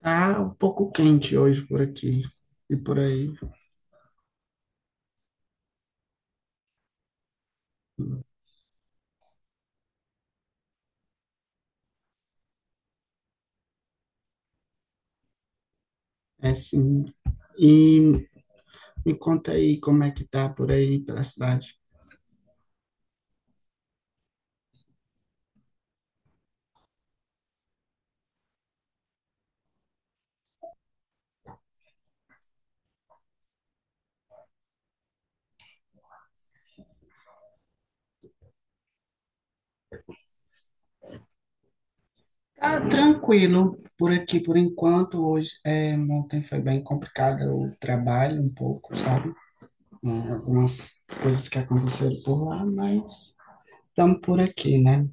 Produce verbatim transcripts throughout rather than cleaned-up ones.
Tá um pouco quente hoje por aqui e por aí. É sim. E me conta aí como é que tá por aí pela cidade. Tá tranquilo por aqui por enquanto. Hoje, é, ontem foi bem complicado o trabalho um pouco, sabe? É, algumas coisas que aconteceram por lá, mas estamos por aqui, né?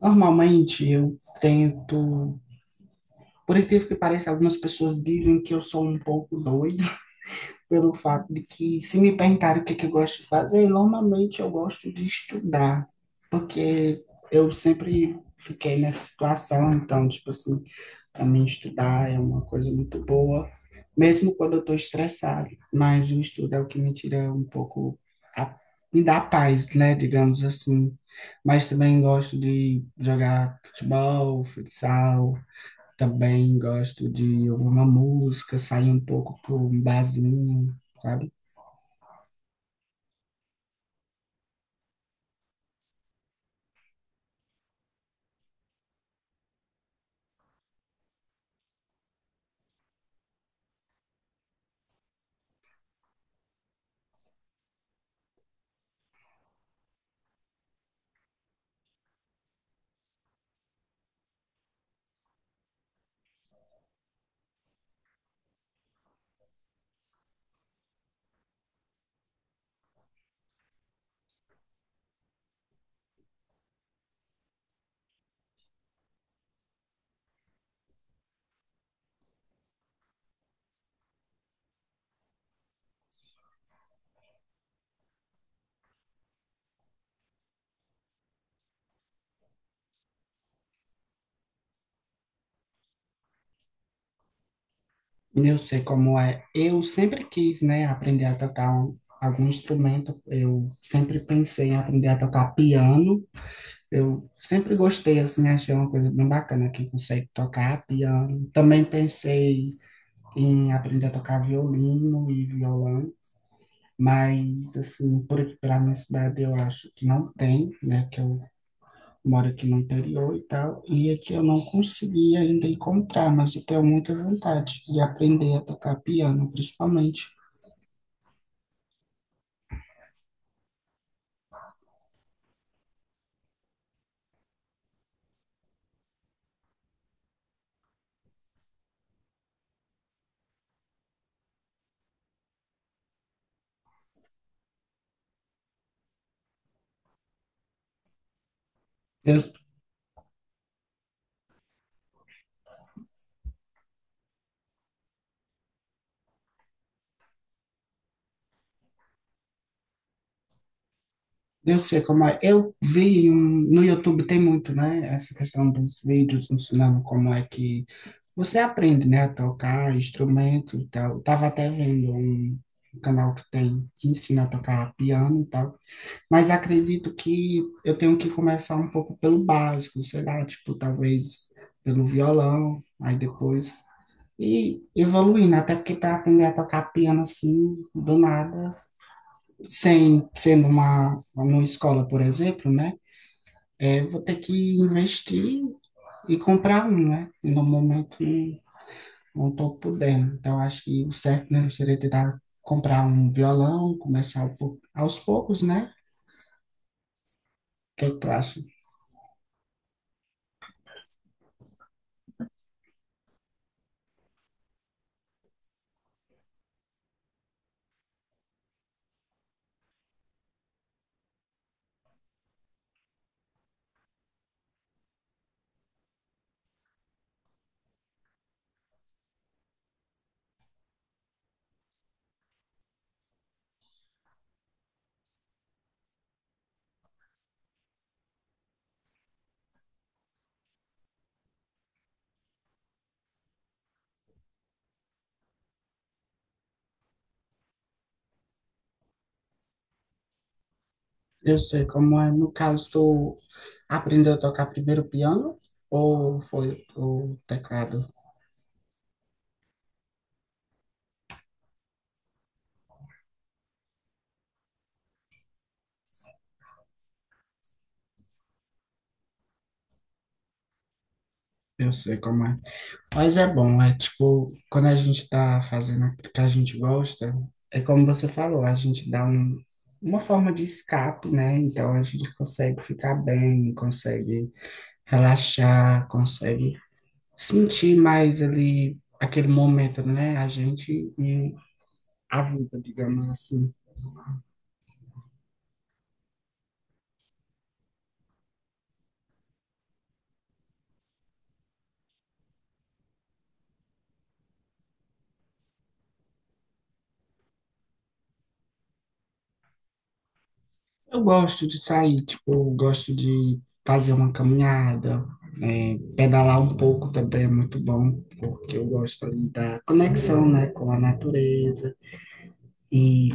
Normalmente eu tento. Por incrível que pareça, algumas pessoas dizem que eu sou um pouco doido pelo fato de que, se me perguntarem o que, é que eu gosto de fazer, normalmente eu gosto de estudar, porque eu sempre fiquei nessa situação, então, tipo assim, para mim estudar é uma coisa muito boa, mesmo quando eu estou estressado, mas o estudo é o que me tira um pouco, a, me dá paz, né, digamos assim. Mas também gosto de jogar futebol, futsal, também gosto de ouvir uma música, sair um pouco para um barzinho, sabe? E eu sei como é. Eu sempre quis, né, aprender a tocar um- algum instrumento. Eu sempre pensei em aprender a tocar piano. Eu sempre gostei, assim, achei uma coisa bem bacana quem consegue tocar piano. Também pensei em aprender a tocar violino e violão. Mas, assim, por aqui pela minha cidade eu acho que não tem, né? Que eu moro aqui no interior e tal, e aqui eu não consegui ainda encontrar, mas eu tenho muita vontade de aprender a tocar piano, principalmente. Eu, eu sei como é. Eu vi um- no YouTube tem muito, né? Essa questão dos vídeos ensinando como é que você aprende, né, a tocar instrumento e tal. Eu tava até vendo um canal que tem que ensina a tocar piano e tal. Mas acredito que eu tenho que começar um pouco pelo básico, sei lá, tipo, talvez pelo violão, aí depois e evoluindo, até porque para aprender a tocar piano assim, do nada, sem ser numa, numa escola, por exemplo, né? É, vou ter que investir e comprar um, né? E no momento não estou podendo. Então, acho que o certo mesmo seria tentar comprar um violão, começar um pouco- aos poucos, né? O que é que tu... Eu sei como é. No caso, tu aprendeu a tocar primeiro piano ou foi o teclado? Eu sei como é. Mas é bom, é tipo, quando a gente tá fazendo aquilo que a gente gosta, é como você falou, a gente dá um, uma forma de escape, né? Então a gente consegue ficar bem, consegue relaxar, consegue sentir mais ali aquele momento, né? A gente e a vida, digamos assim. Eu gosto de sair, tipo, eu gosto de fazer uma caminhada, é, pedalar um pouco também é muito bom, porque eu gosto ali da conexão, né, com a natureza. E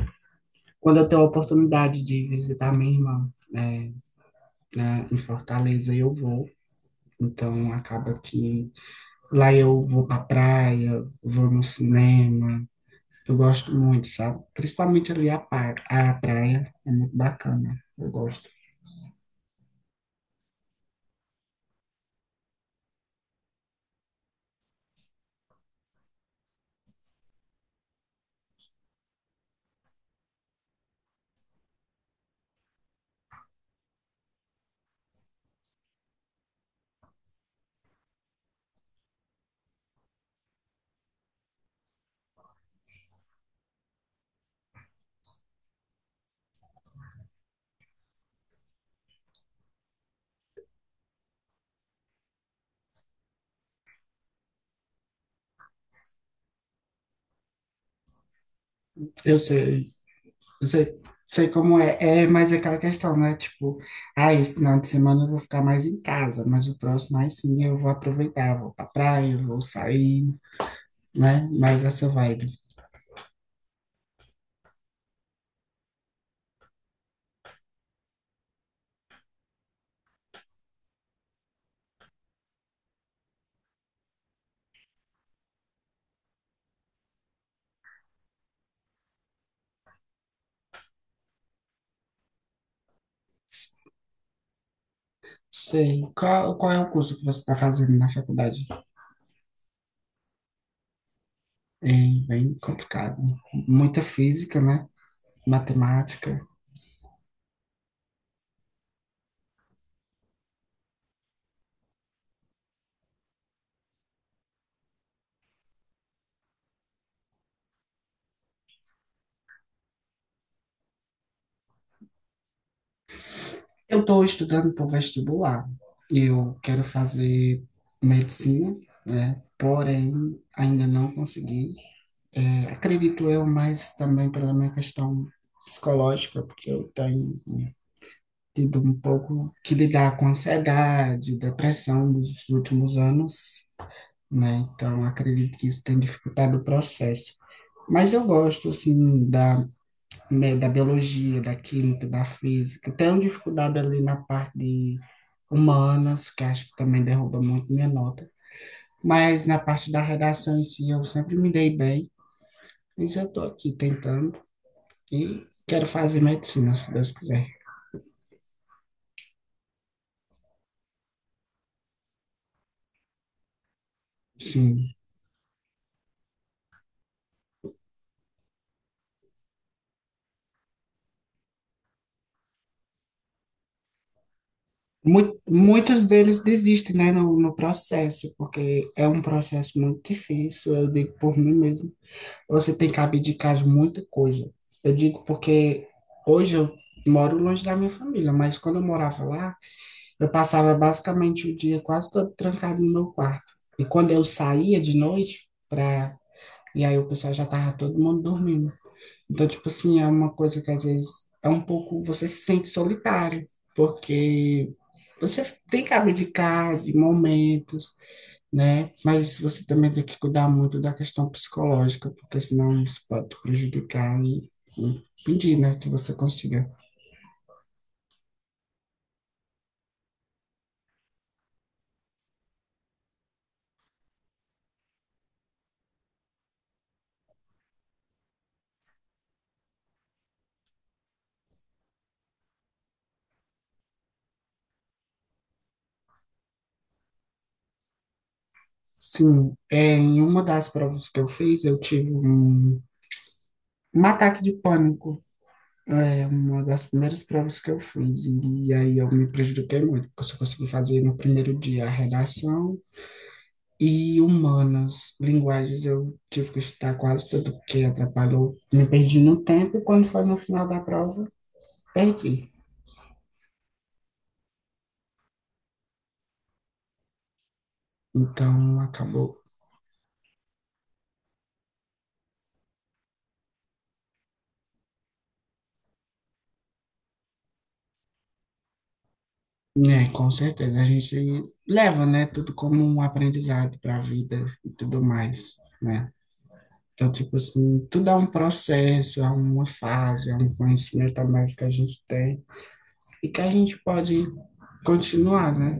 quando eu tenho a oportunidade de visitar minha irmã, né, na- em Fortaleza, eu vou. Então acaba que lá eu vou pra praia, vou no cinema. Eu gosto muito, sabe? Principalmente ali a, par- a praia, é muito bacana. Eu gosto. Eu sei. Eu sei, sei como é, é, mas é aquela questão, né? Tipo, ah, esse final de semana eu vou ficar mais em casa, mas o próximo aí sim eu vou aproveitar, vou pra praia, eu vou sair, né? Mais essa vibe. Sei. Qual, qual é o curso que você está fazendo na faculdade? É bem complicado. Muita física, né? Matemática. Eu estou estudando para o vestibular. Eu quero fazer medicina, né? Porém, ainda não consegui. É, acredito eu, mas também pela minha questão psicológica, porque eu tenho tido um pouco que lidar com ansiedade, depressão nos últimos anos, né? Então, acredito que isso tem dificultado o processo. Mas eu gosto, assim, da, né, da biologia, da química, da física. Tenho dificuldade ali na parte de humanas, que acho que também derruba muito minha nota. Mas na parte da redação em si, eu sempre me dei bem. Mas eu estou aqui tentando e quero fazer medicina, se Deus quiser. Sim. Mu- Muitos deles desistem, né, no, no processo, porque é um processo muito difícil, eu digo por mim mesmo. Você tem que abdicar de muita coisa. Eu digo porque hoje eu moro longe da minha família, mas quando eu morava lá, eu passava basicamente o dia quase todo trancado no meu quarto. E quando eu saía de noite para, e aí o pessoal já tava todo mundo dormindo. Então, tipo assim, é uma coisa que às vezes é um pouco, você se sente solitário, porque você tem que abdicar de momentos, né? Mas você também tem que cuidar muito da questão psicológica, porque senão isso pode te prejudicar e impedir, né, que você consiga. Sim, é, em uma das provas que eu fiz, eu tive um, um ataque de pânico. É uma das primeiras provas que eu fiz, e aí eu me prejudiquei muito, porque eu só consegui fazer no primeiro dia a redação e humanas, linguagens, eu tive que estudar quase tudo, porque atrapalhou. Me perdi no tempo, e quando foi no final da prova, perdi. Então, acabou. É, com certeza. A gente leva, né, tudo como um aprendizado para a vida e tudo mais, né? Então, tipo assim, tudo é um processo, é uma fase, é um conhecimento a mais que a gente tem e que a gente pode continuar, né?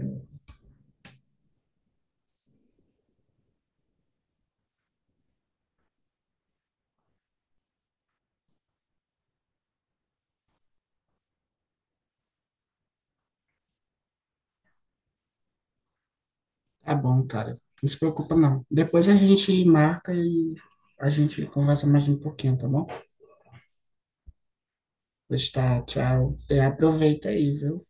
Tá bom, cara. Não se preocupa, não. Depois a gente marca e a gente conversa mais um pouquinho, tá bom? Pois tá, tchau. E aproveita aí, viu?